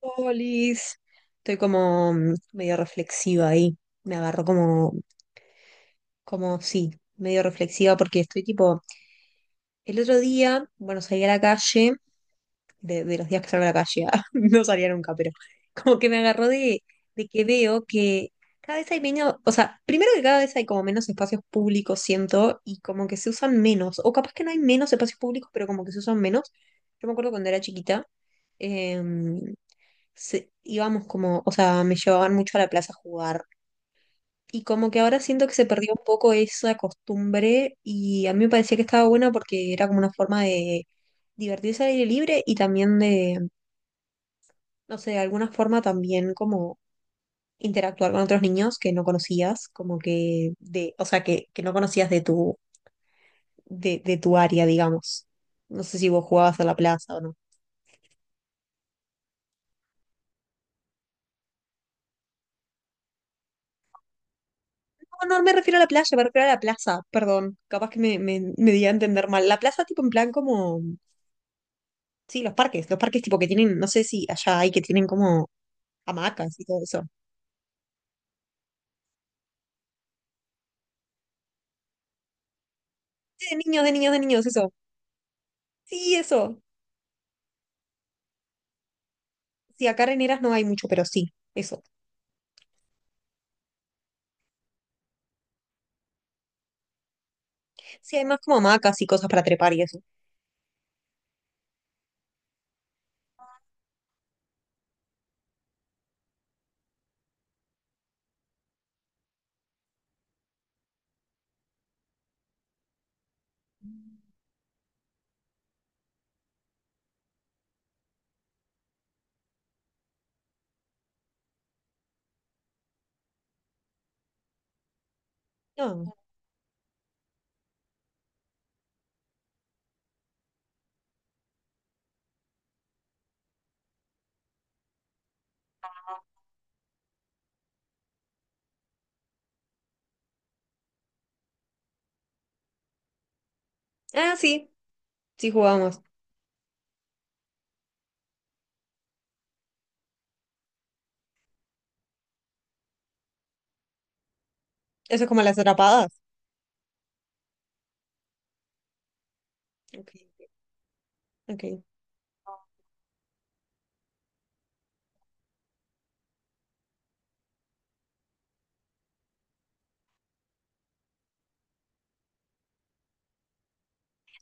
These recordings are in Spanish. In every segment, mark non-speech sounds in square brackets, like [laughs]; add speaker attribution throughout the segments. Speaker 1: Polis. Estoy como medio reflexiva ahí. Me agarró como sí, medio reflexiva porque estoy tipo, el otro día, bueno, salí a la calle, de los días que salgo a la calle, [laughs] ah, no salía nunca, pero como que me agarró de que veo que cada vez hay menos, o sea, primero que cada vez hay como menos espacios públicos, siento, y como que se usan menos, o capaz que no hay menos espacios públicos, pero como que se usan menos. Yo me acuerdo cuando era chiquita. em, Íbamos como, o sea, me llevaban mucho a la plaza a jugar. Y como que ahora siento que se perdió un poco esa costumbre y a mí me parecía que estaba buena porque era como una forma de divertirse al aire libre y también de, no sé, de alguna forma también como interactuar con otros niños que no conocías, como que de, o sea, que no conocías de tu, de tu área, digamos. No sé si vos jugabas a la plaza o no. No, no me refiero a la playa, me refiero a la plaza, perdón. Capaz que me di a entender mal. La plaza, tipo, en plan como. Sí, los parques tipo que tienen, no sé si allá hay que tienen como hamacas y todo eso. Sí, de niños, de niños, de niños, eso. Sí, eso. Sí, acá en Heras no hay mucho, pero sí, eso. Sí, hay más como hamacas y cosas para trepar y eso. No. Ah, sí, sí jugábamos. Eso es como las atrapadas. Ok, ok.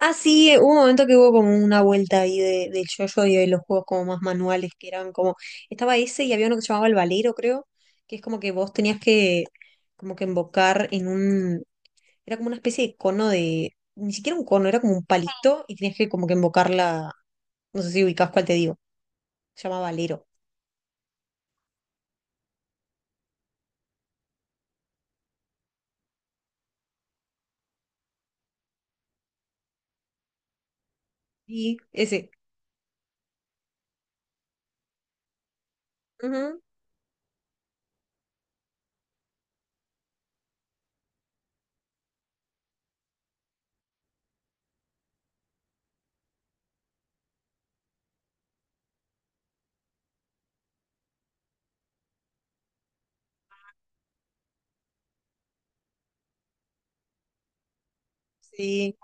Speaker 1: Ah, sí, hubo un momento que hubo como una vuelta ahí del yo-yo y de los juegos como más manuales que eran como. Estaba ese y había uno que se llamaba el valero, creo, que es como que vos tenías que como que embocar en un. Era como una especie de cono de, ni siquiera un cono, era como un palito y tenías que como que invocarla, no sé si ubicás cuál te digo, se llama Valero. Sí, ese. Ujú. Sí.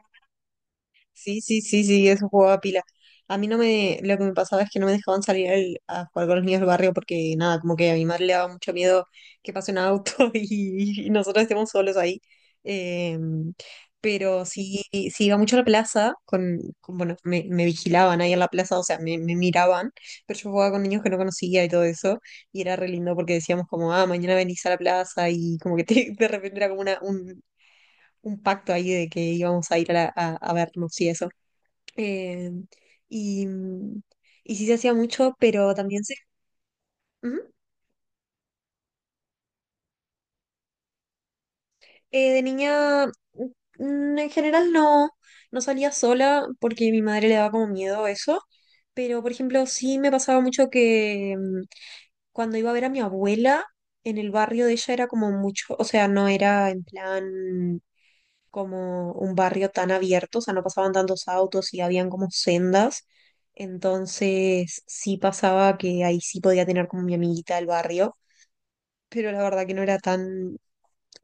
Speaker 1: Sí, sí, sí, sí, eso jugaba pila. A mí no me, lo que me pasaba es que no me dejaban salir a jugar con los niños del barrio porque nada, como que a mi madre le daba mucho miedo que pase un auto [laughs] y nosotros estemos solos ahí. Eh, pero sí, sí iba mucho a la plaza, bueno, me vigilaban ahí en la plaza, o sea, me miraban, pero yo jugaba con niños que no conocía y todo eso, y era re lindo porque decíamos como, ah, mañana venís a la plaza y como que [laughs] de repente era como un pacto ahí de que íbamos a ir a vernos y eso. Eh, y, mm, y sí se hacía mucho, pero también se... Ujú. De niña, en general no salía sola porque mi madre le daba como miedo eso. Pero, por ejemplo, sí me pasaba mucho que cuando iba a ver a mi abuela en el barrio de ella era como mucho, o sea, no era en plan como un barrio tan abierto, o sea, no pasaban tantos autos y habían como sendas. Entonces sí pasaba que ahí sí podía tener como mi amiguita del barrio, pero la verdad que no era tan,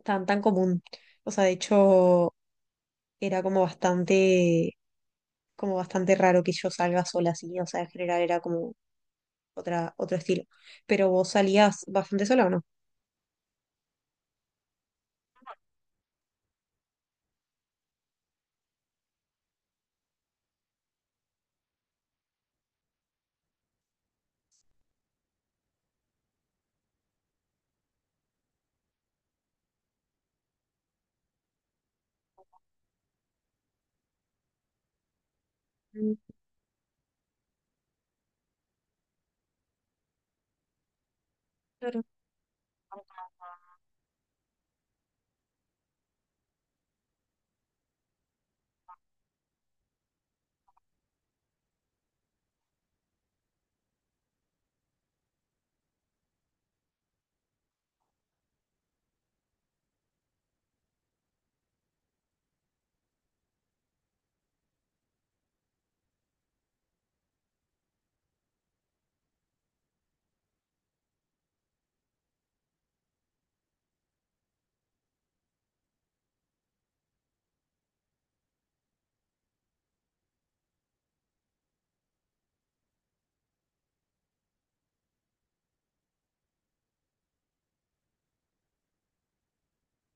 Speaker 1: tan, tan común. O sea, de hecho, era como bastante raro que yo salga sola así. O sea, en general era como otro estilo. Pero vos salías bastante sola, ¿o no? Mm. Claro,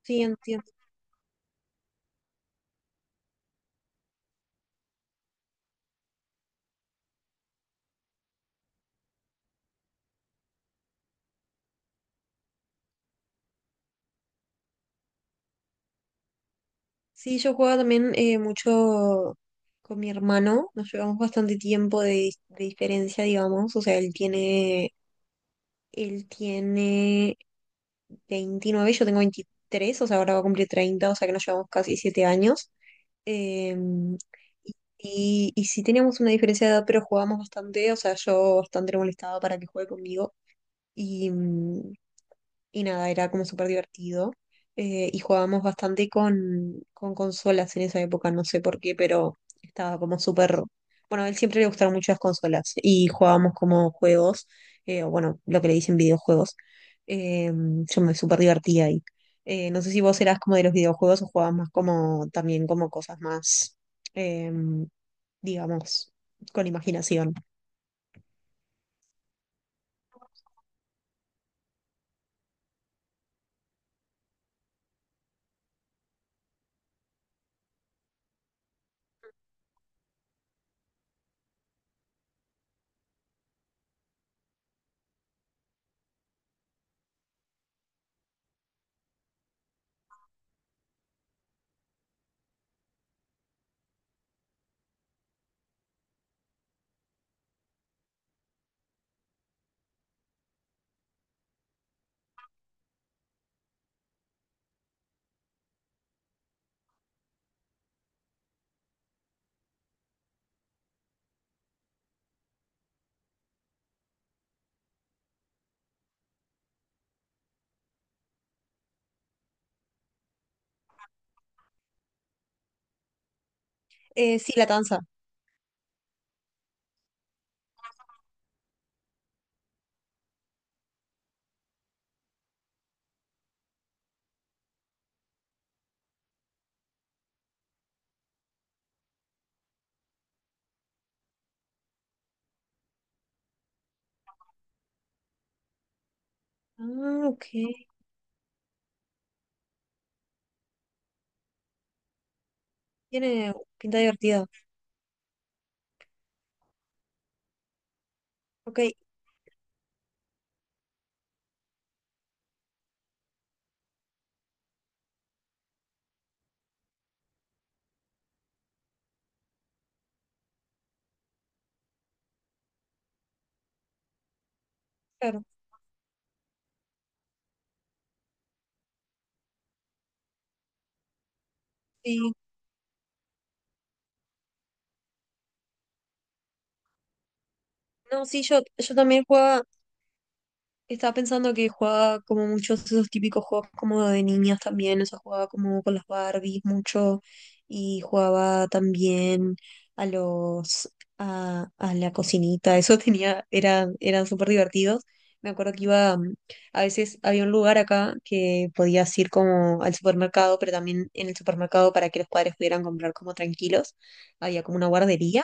Speaker 1: sí, entiendo. Sí, yo jugaba también mucho con mi hermano, nos llevamos bastante tiempo de diferencia, digamos, o sea, él tiene 29, yo tengo 23, o sea, ahora va a cumplir 30, o sea que nos llevamos casi 7 años. Em, y sí teníamos una diferencia de edad, pero jugábamos bastante, o sea, yo bastante le molestaba para que juegue conmigo. Y, mm, y nada, era como súper divertido. Y jugábamos bastante con consolas en esa época, no sé por qué, pero estaba como súper... Bueno, a él siempre le gustaron mucho las consolas y jugábamos como juegos, o bueno, lo que le dicen videojuegos. Eh, yo me súper divertía ahí. No sé si vos eras como de los videojuegos o jugabas más como también como cosas más, eh, digamos, con imaginación. Sí, la danza. Ah, ok. Tiene pinta divertida. Ok, claro. Sí, no, sí, yo también jugaba, estaba pensando que jugaba como muchos de esos típicos juegos como de niñas también, o sea, jugaba como con las Barbies mucho y jugaba también a los, a la cocinita, eso [laughs] eran súper divertidos. Me acuerdo que a veces había un lugar acá que podías ir como al supermercado, pero también en el supermercado para que los padres pudieran comprar como tranquilos, había como una guardería,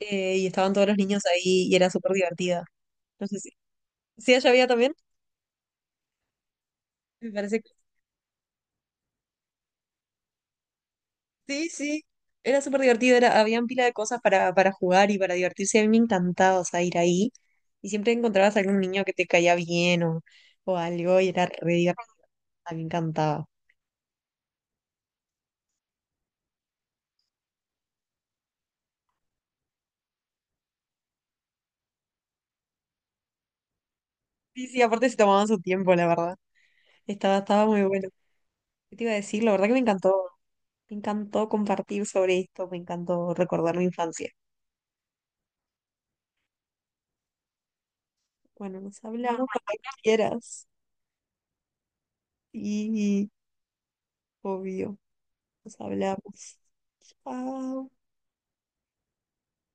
Speaker 1: y estaban todos los niños ahí y era súper divertida. No sé si. ¿Sí allá había también? Me parece que sí, sí. Era súper divertido, habían pila de cosas para jugar y para divertirse. A mí me encantaba, o sea, ir ahí. Y siempre encontrabas algún niño que te caía bien o algo y era re divertido. A mí me encantaba. Sí, sí, aparte se tomaban su tiempo, la verdad. Estaba muy bueno. ¿Qué te iba a decir? La verdad que me encantó. Me encantó compartir sobre esto. Me encantó recordar mi infancia. Bueno, nos hablamos cuando quieras. Y obvio, nos hablamos. Chao.